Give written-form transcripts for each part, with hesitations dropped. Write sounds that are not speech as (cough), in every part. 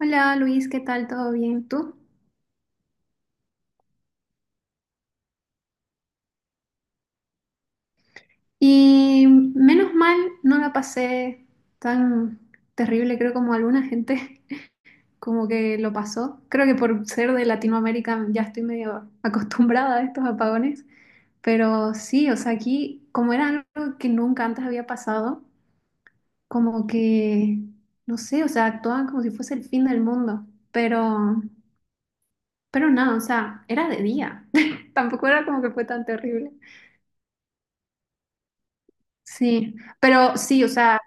Hola Luis, ¿qué tal? ¿Todo bien? ¿Tú? Y menos mal no la pasé tan terrible, creo, como alguna gente (laughs) como que lo pasó. Creo que por ser de Latinoamérica ya estoy medio acostumbrada a estos apagones, pero sí, o sea, aquí como era algo que nunca antes había pasado, como que, no sé, o sea, actuaban como si fuese el fin del mundo, pero, pero nada, o sea, era de día, (laughs) tampoco era como que fue tan terrible. Sí, pero sí, o sea,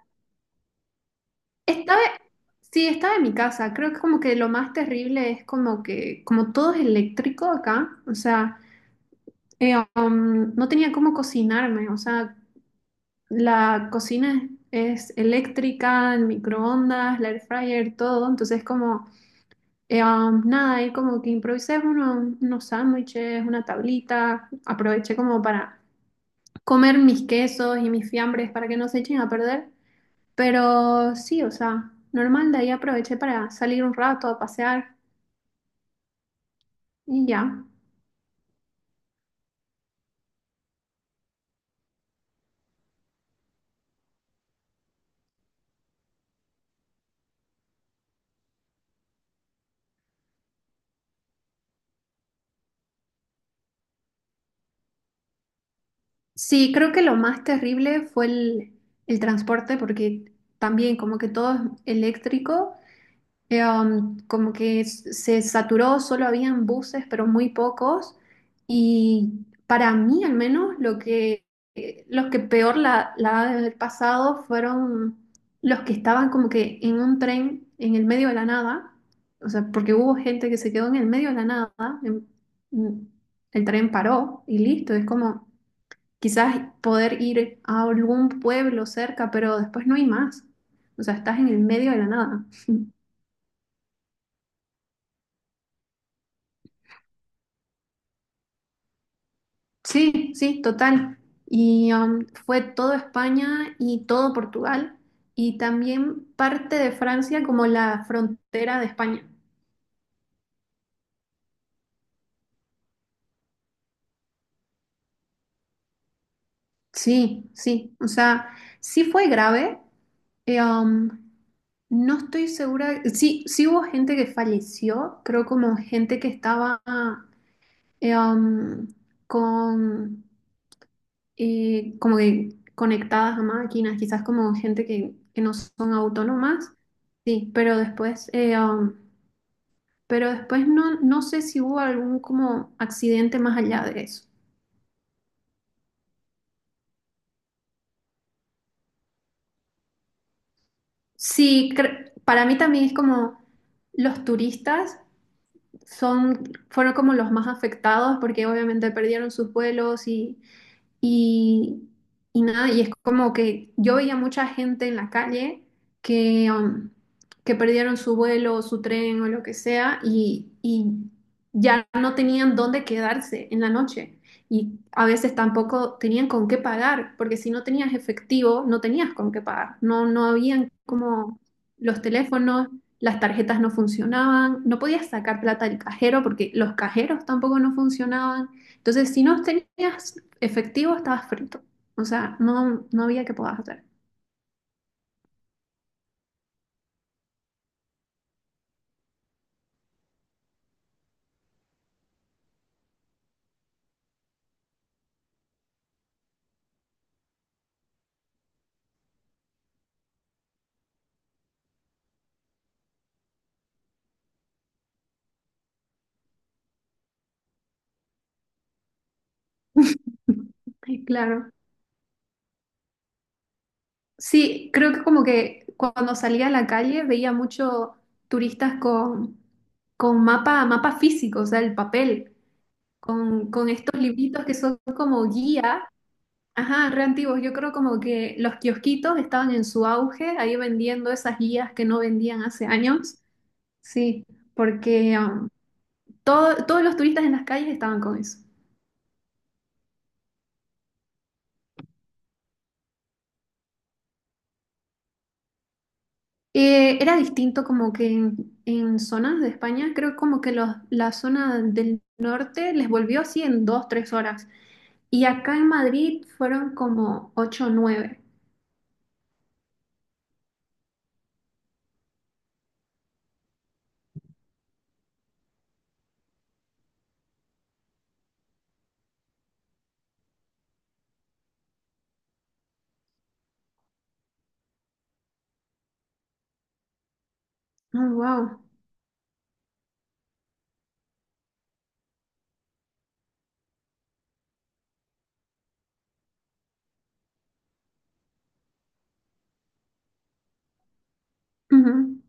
estaba, sí, estaba en mi casa. Creo que como que lo más terrible es como que, como todo es eléctrico acá, o sea, no tenía cómo cocinarme, o sea, la cocina es eléctrica, el microondas, la air fryer, todo, entonces como, nada, ahí como que improvisé unos sándwiches, una tablita, aproveché como para comer mis quesos y mis fiambres para que no se echen a perder. Pero sí, o sea, normal, de ahí aproveché para salir un rato a pasear y ya. Sí, creo que lo más terrible fue el transporte porque también como que todo es eléctrico. Como que se saturó, solo habían buses, pero muy pocos. Y para mí, al menos, los que peor la ha de haber pasado fueron los que estaban como que en un tren en el medio de la nada. O sea, porque hubo gente que se quedó en el medio de la nada. en- en- el tren paró y listo. Es como quizás poder ir a algún pueblo cerca, pero después no hay más. O sea, estás en el medio de la nada. Sí, sí, total. Y fue todo España y todo Portugal y también parte de Francia como la frontera de España. Sí, sí, o sea, sí fue grave. eh, um, no estoy segura, sí, sí hubo gente que falleció, creo como gente que estaba eh, um, con como que conectadas a máquinas, quizás como gente que no son autónomas, sí, pero después no, no sé si hubo algún como accidente más allá de eso. Sí, para mí también es como los turistas son, fueron como los más afectados porque obviamente perdieron sus vuelos y, Y, y nada, y es como que yo veía mucha gente en la calle que, um, que perdieron su vuelo, su tren o lo que sea, y ya no tenían dónde quedarse en la noche. Y a veces tampoco tenían con qué pagar, porque si no tenías efectivo, no tenías con qué pagar. No habían como los teléfonos, las tarjetas no funcionaban, no podías sacar plata del cajero porque los cajeros tampoco no funcionaban. Entonces, si no tenías efectivo, estabas frito. O sea, no, no había que puedas hacer. (laughs) Ay, claro. Sí, creo que como que cuando salía a la calle veía mucho turistas con mapa, mapa físico, o sea, el papel, con estos libritos que son como guía, ajá, re antiguos. Yo creo como que los kiosquitos estaban en su auge, ahí vendiendo esas guías que no vendían hace años. Sí, porque todos los turistas en las calles estaban con eso. Era distinto como que en zonas de España, creo como que los, la zona del norte les volvió así en 2, 3 horas. Y acá en Madrid fueron como ocho o nueve. Oh, wow. Ujú.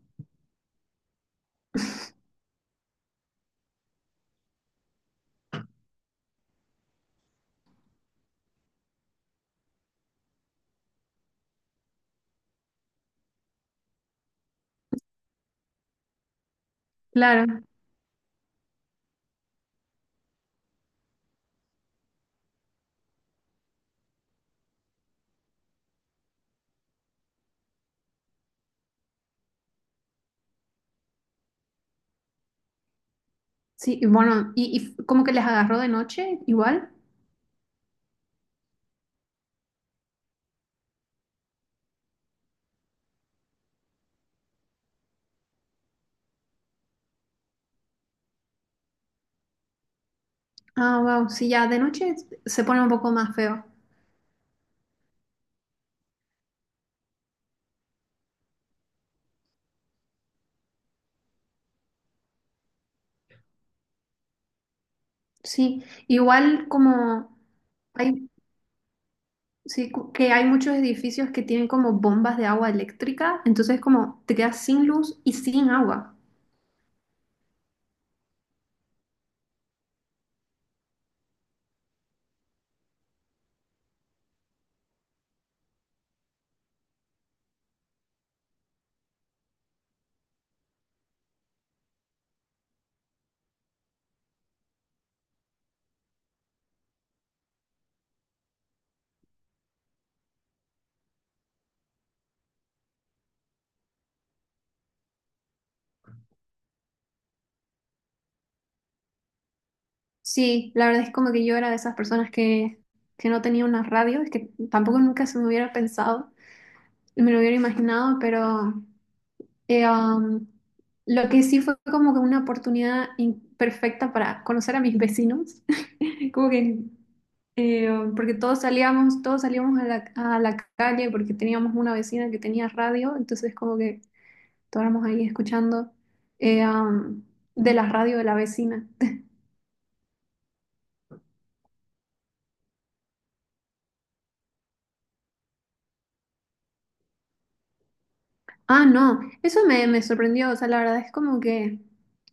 Claro. Sí, y bueno, y como que les agarró de noche igual. Ah, wow. Sí, ya de noche se pone un poco más feo. Sí, igual como… Hay, sí, que hay muchos edificios que tienen como bombas de agua eléctrica, entonces como te quedas sin luz y sin agua. Sí, la verdad es como que yo era de esas personas que no tenía una radio, es que tampoco nunca se me hubiera pensado, me lo hubiera imaginado, pero eh, um, lo que sí fue como que una oportunidad perfecta para conocer a mis vecinos, (laughs) como que eh, porque todos salíamos a la calle porque teníamos una vecina que tenía radio, entonces como que estábamos ahí escuchando eh, am, de la radio de la vecina. (laughs) Ah, no, eso me sorprendió, o sea, la verdad es como que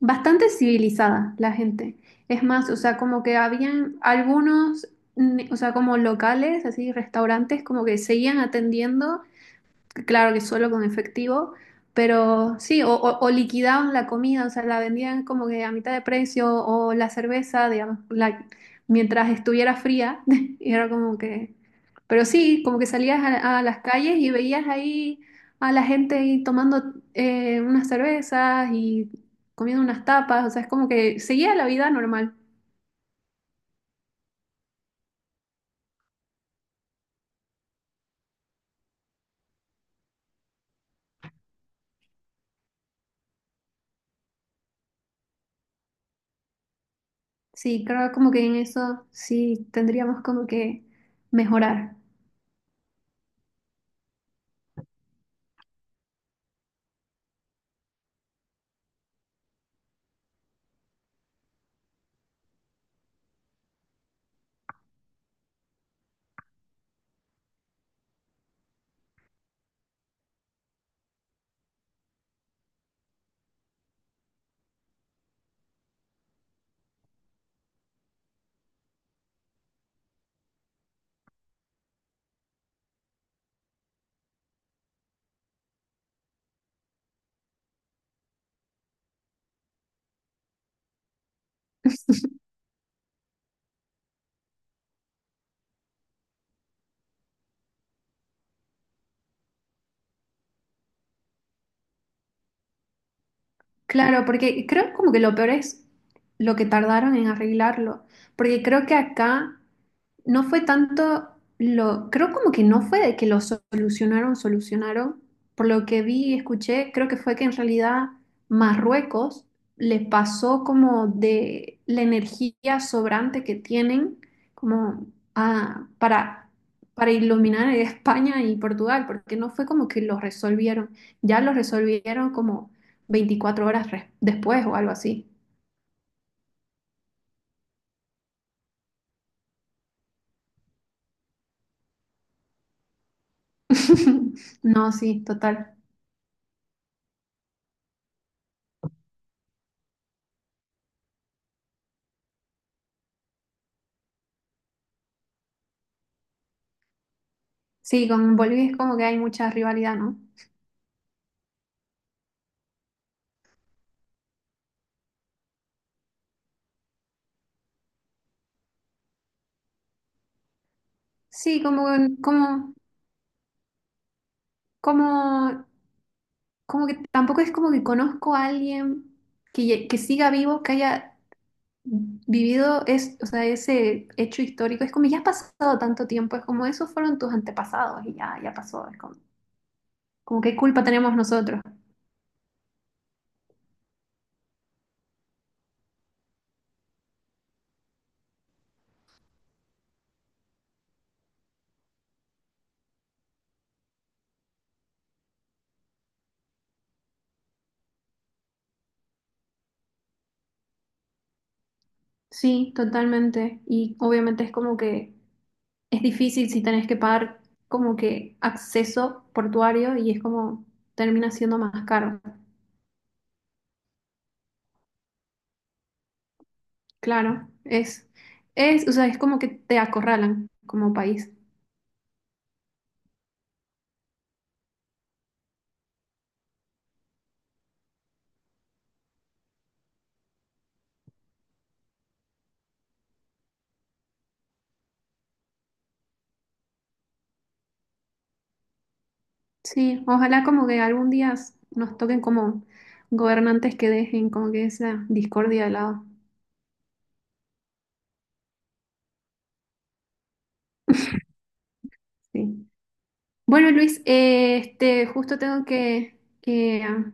bastante civilizada la gente. Es más, o sea, como que habían algunos, mm, o sea, como locales, así, restaurantes, como que seguían atendiendo. Claro que solo con efectivo, pero sí, o liquidaban la comida, o sea, la vendían como que a mitad de precio, o la cerveza, digamos, la- mientras estuviera fría, (laughs) y era como que… Pero sí, como que salías a las calles y veías ahí a la gente ahí tomando unas cervezas y comiendo unas tapas, o sea, es como que seguía la vida normal. Sí, creo como que en eso sí tendríamos como que mejorar. Claro, porque creo como que lo peor es lo que tardaron en arreglarlo, porque creo que acá no fue tanto lo, creo como que no fue de que lo solucionaron, solucionaron. Por lo que vi y escuché, creo que fue que en realidad Marruecos les pasó como de la energía sobrante que tienen como a- para iluminar (laughs) a España y Portugal, porque no fue como que los resolvieron, ya los resolvieron como 24 horas después o algo así. (laughs) No, sí, total. Sí, con Bolivia es como que hay mucha rivalidad, ¿no? Sí, como, como, como que tampoco es como que conozco a alguien que, que siga vivo, que haya vivido es, o sea, ese hecho histórico. Es como ya ha pasado tanto tiempo, es como esos fueron tus antepasados y ya, ya pasó. Es como, como qué culpa tenemos nosotros. Sí, totalmente. Y obviamente es como que es difícil si tenés que pagar como que acceso portuario y es como termina siendo más caro. Claro, es, o sea, es como que te acorralan como país. Sí, ojalá como que algún día nos toquen como gobernantes que dejen como que esa discordia de lado. Sí. Bueno, Luis, este, justo tengo que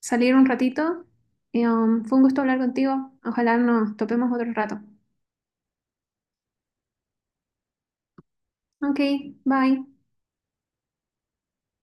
salir un ratito. Fue un gusto hablar contigo. Ojalá nos topemos otro rato. Ok, bye.